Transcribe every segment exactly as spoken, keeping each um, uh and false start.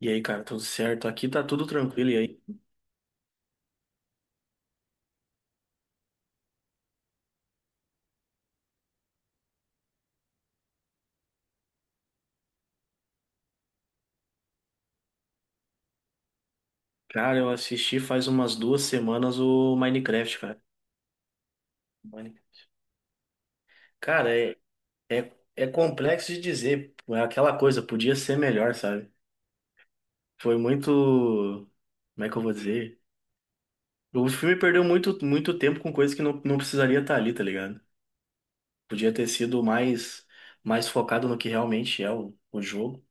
E aí, cara, tudo certo? Aqui tá tudo tranquilo. E aí? Cara, eu assisti faz umas duas semanas o Minecraft, cara. Mine- Cara, é, é, é complexo de dizer. É aquela coisa, podia ser melhor, sabe? Foi muito. Como é que eu vou dizer? O filme perdeu muito, muito tempo com coisas que não, não precisaria estar ali, tá ligado? Podia ter sido mais, mais focado no que realmente é o, o jogo.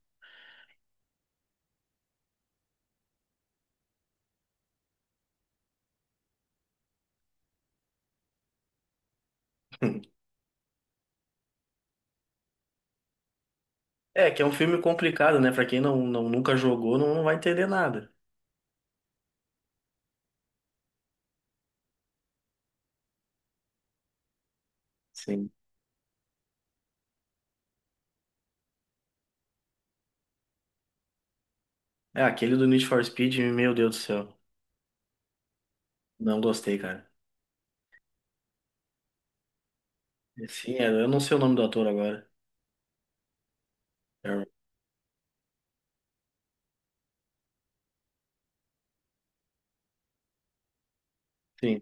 É, que é um filme complicado, né? Pra quem não, não, nunca jogou, não, não vai entender nada. Sim. É, aquele do Need for Speed, meu Deus do céu. Não gostei, cara. Sim, é, eu não sei o nome do ator agora. É, sim.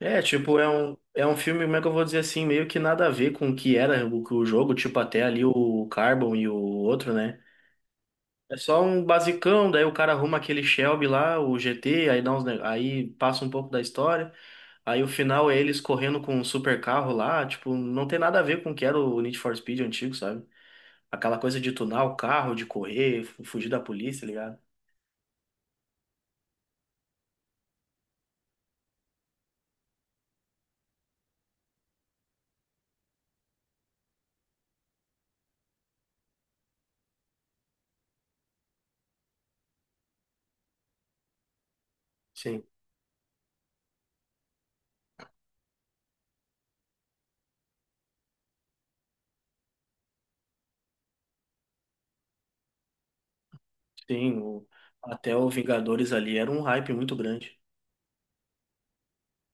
É, tipo, é um, é um filme, como é que eu vou dizer assim, meio que nada a ver com o que era o, o jogo, tipo, até ali o Carbon e o outro, né? É só um basicão, daí o cara arruma aquele Shelby lá, o G T, aí dá uns, ne- aí passa um pouco da história, aí o final é eles correndo com um super carro lá, tipo, não tem nada a ver com o que era o Need for Speed antigo, sabe? Aquela coisa de tunar o carro, de correr, fu- fugir da polícia, tá ligado? Sim, sim. O- até o Vingadores ali era um hype muito grande.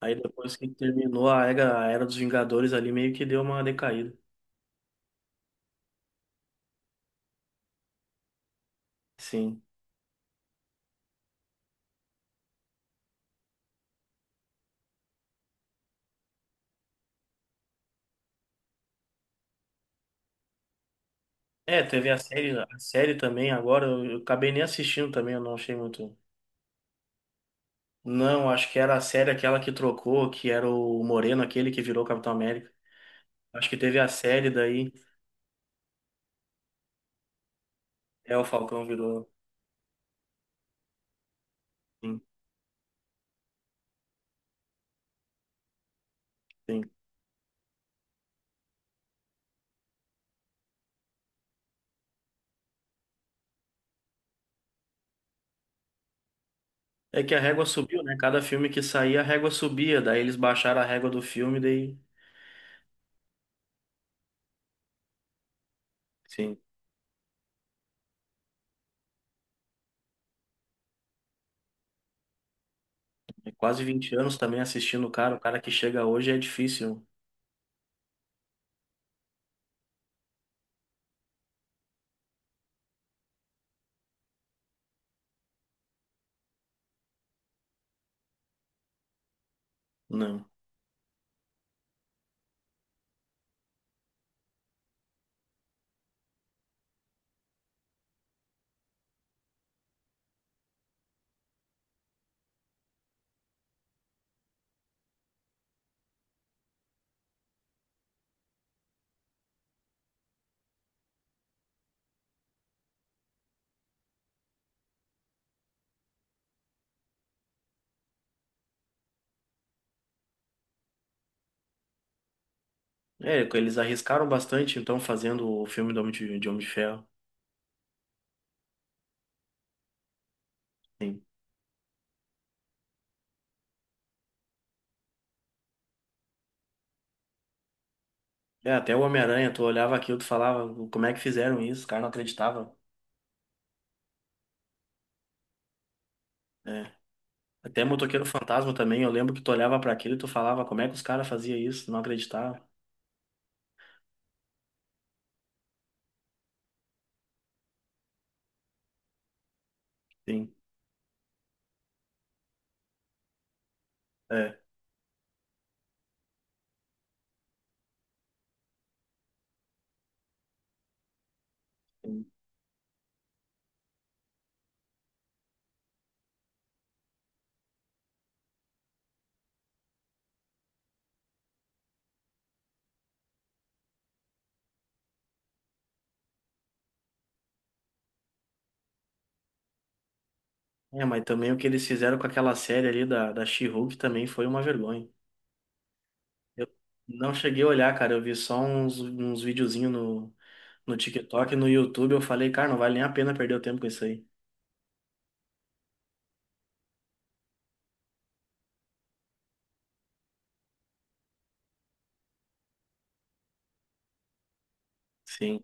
Aí depois que terminou a era, a era dos Vingadores ali, meio que deu uma decaída. Sim. É, teve a série, a série também agora, eu, eu acabei nem assistindo também, eu não achei muito. Não, acho que era a série aquela que trocou, que era o Moreno, aquele que virou Capitão América. Acho que teve a série daí, é, o Falcão virou. Sim, sim. É que a régua subiu, né? Cada filme que saía, a régua subia, daí eles baixaram a régua do filme, daí. Sim. É quase vinte anos também assistindo o cara. O cara que chega hoje é difícil. Não. É, eles arriscaram bastante, então, fazendo o filme do Homem de, de Homem de Ferro. Sim. É, até o Homem-Aranha, tu olhava aquilo, tu falava, como é que fizeram isso? O cara não acreditava. É. Até Motoqueiro Fantasma também, eu lembro que tu olhava pra aquilo e tu falava, como é que os caras faziam isso? Não acreditava. Sim. É. Sim. É, mas também o que eles fizeram com aquela série ali da, da She-Hulk também foi uma vergonha. Eu não cheguei a olhar, cara, eu vi só uns, uns videozinhos no no TikTok e no YouTube eu falei, cara, não vale nem a pena perder o tempo com isso aí. Sim.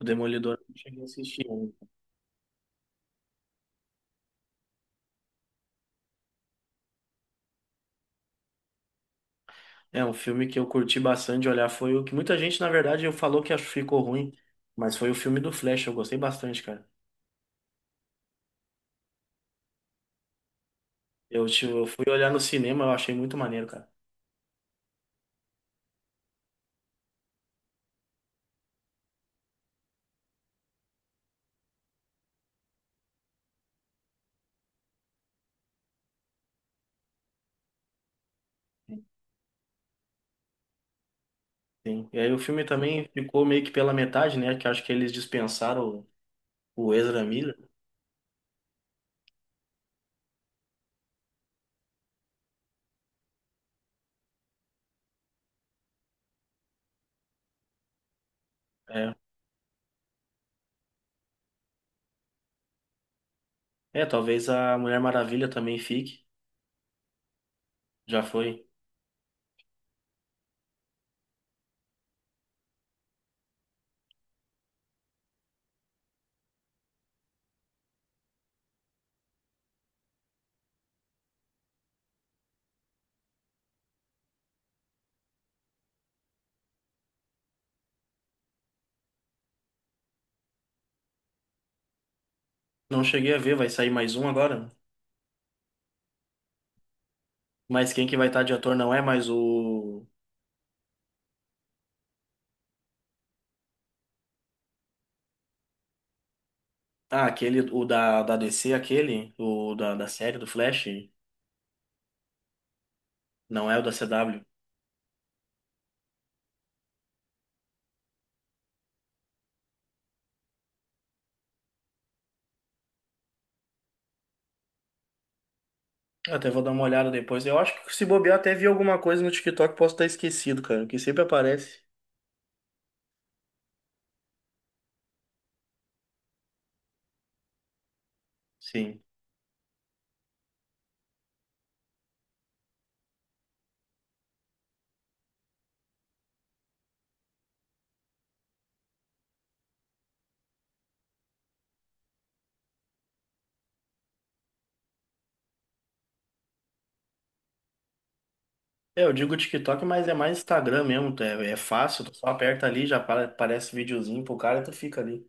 O Demolidor eu não cheguei a assistir ainda. É um filme que eu curti bastante de olhar. Foi o que muita gente, na verdade, eu falou que acho- ficou ruim. Mas foi o filme do Flash, eu gostei bastante, cara. Eu, tipo, eu fui olhar no cinema, eu achei muito maneiro, cara. Sim. E aí o filme também ficou meio que pela metade, né? Que eu acho que eles dispensaram o o Ezra Miller. É. É, talvez a Mulher Maravilha também fique. Já foi. Não cheguei a ver, vai sair mais um agora? Mas quem que vai estar de ator não é mais o. Ah, aquele, o da, da D C, aquele, o da, da série do Flash, não é o da C W. Eu até vou dar uma olhada depois. Eu acho que se bobear, até vi alguma coisa no TikTok, posso estar esquecido, cara, que sempre aparece. Sim. É, eu digo TikTok, mas é mais Instagram mesmo. É, é fácil, tu só aperta ali, já apa- aparece videozinho pro cara e tu fica ali.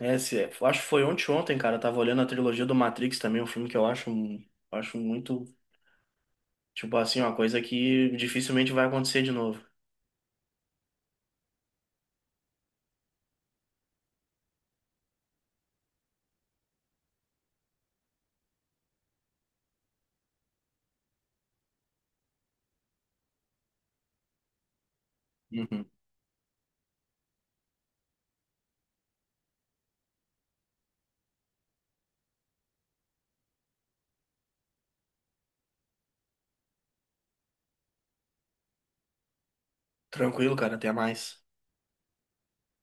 É, se, eu acho que foi ontem, ontem, cara. Eu tava olhando a trilogia do Matrix também, um filme que eu acho, um- acho muito, tipo assim, uma coisa que dificilmente vai acontecer de novo. Uhum. Tranquilo, cara. Até mais.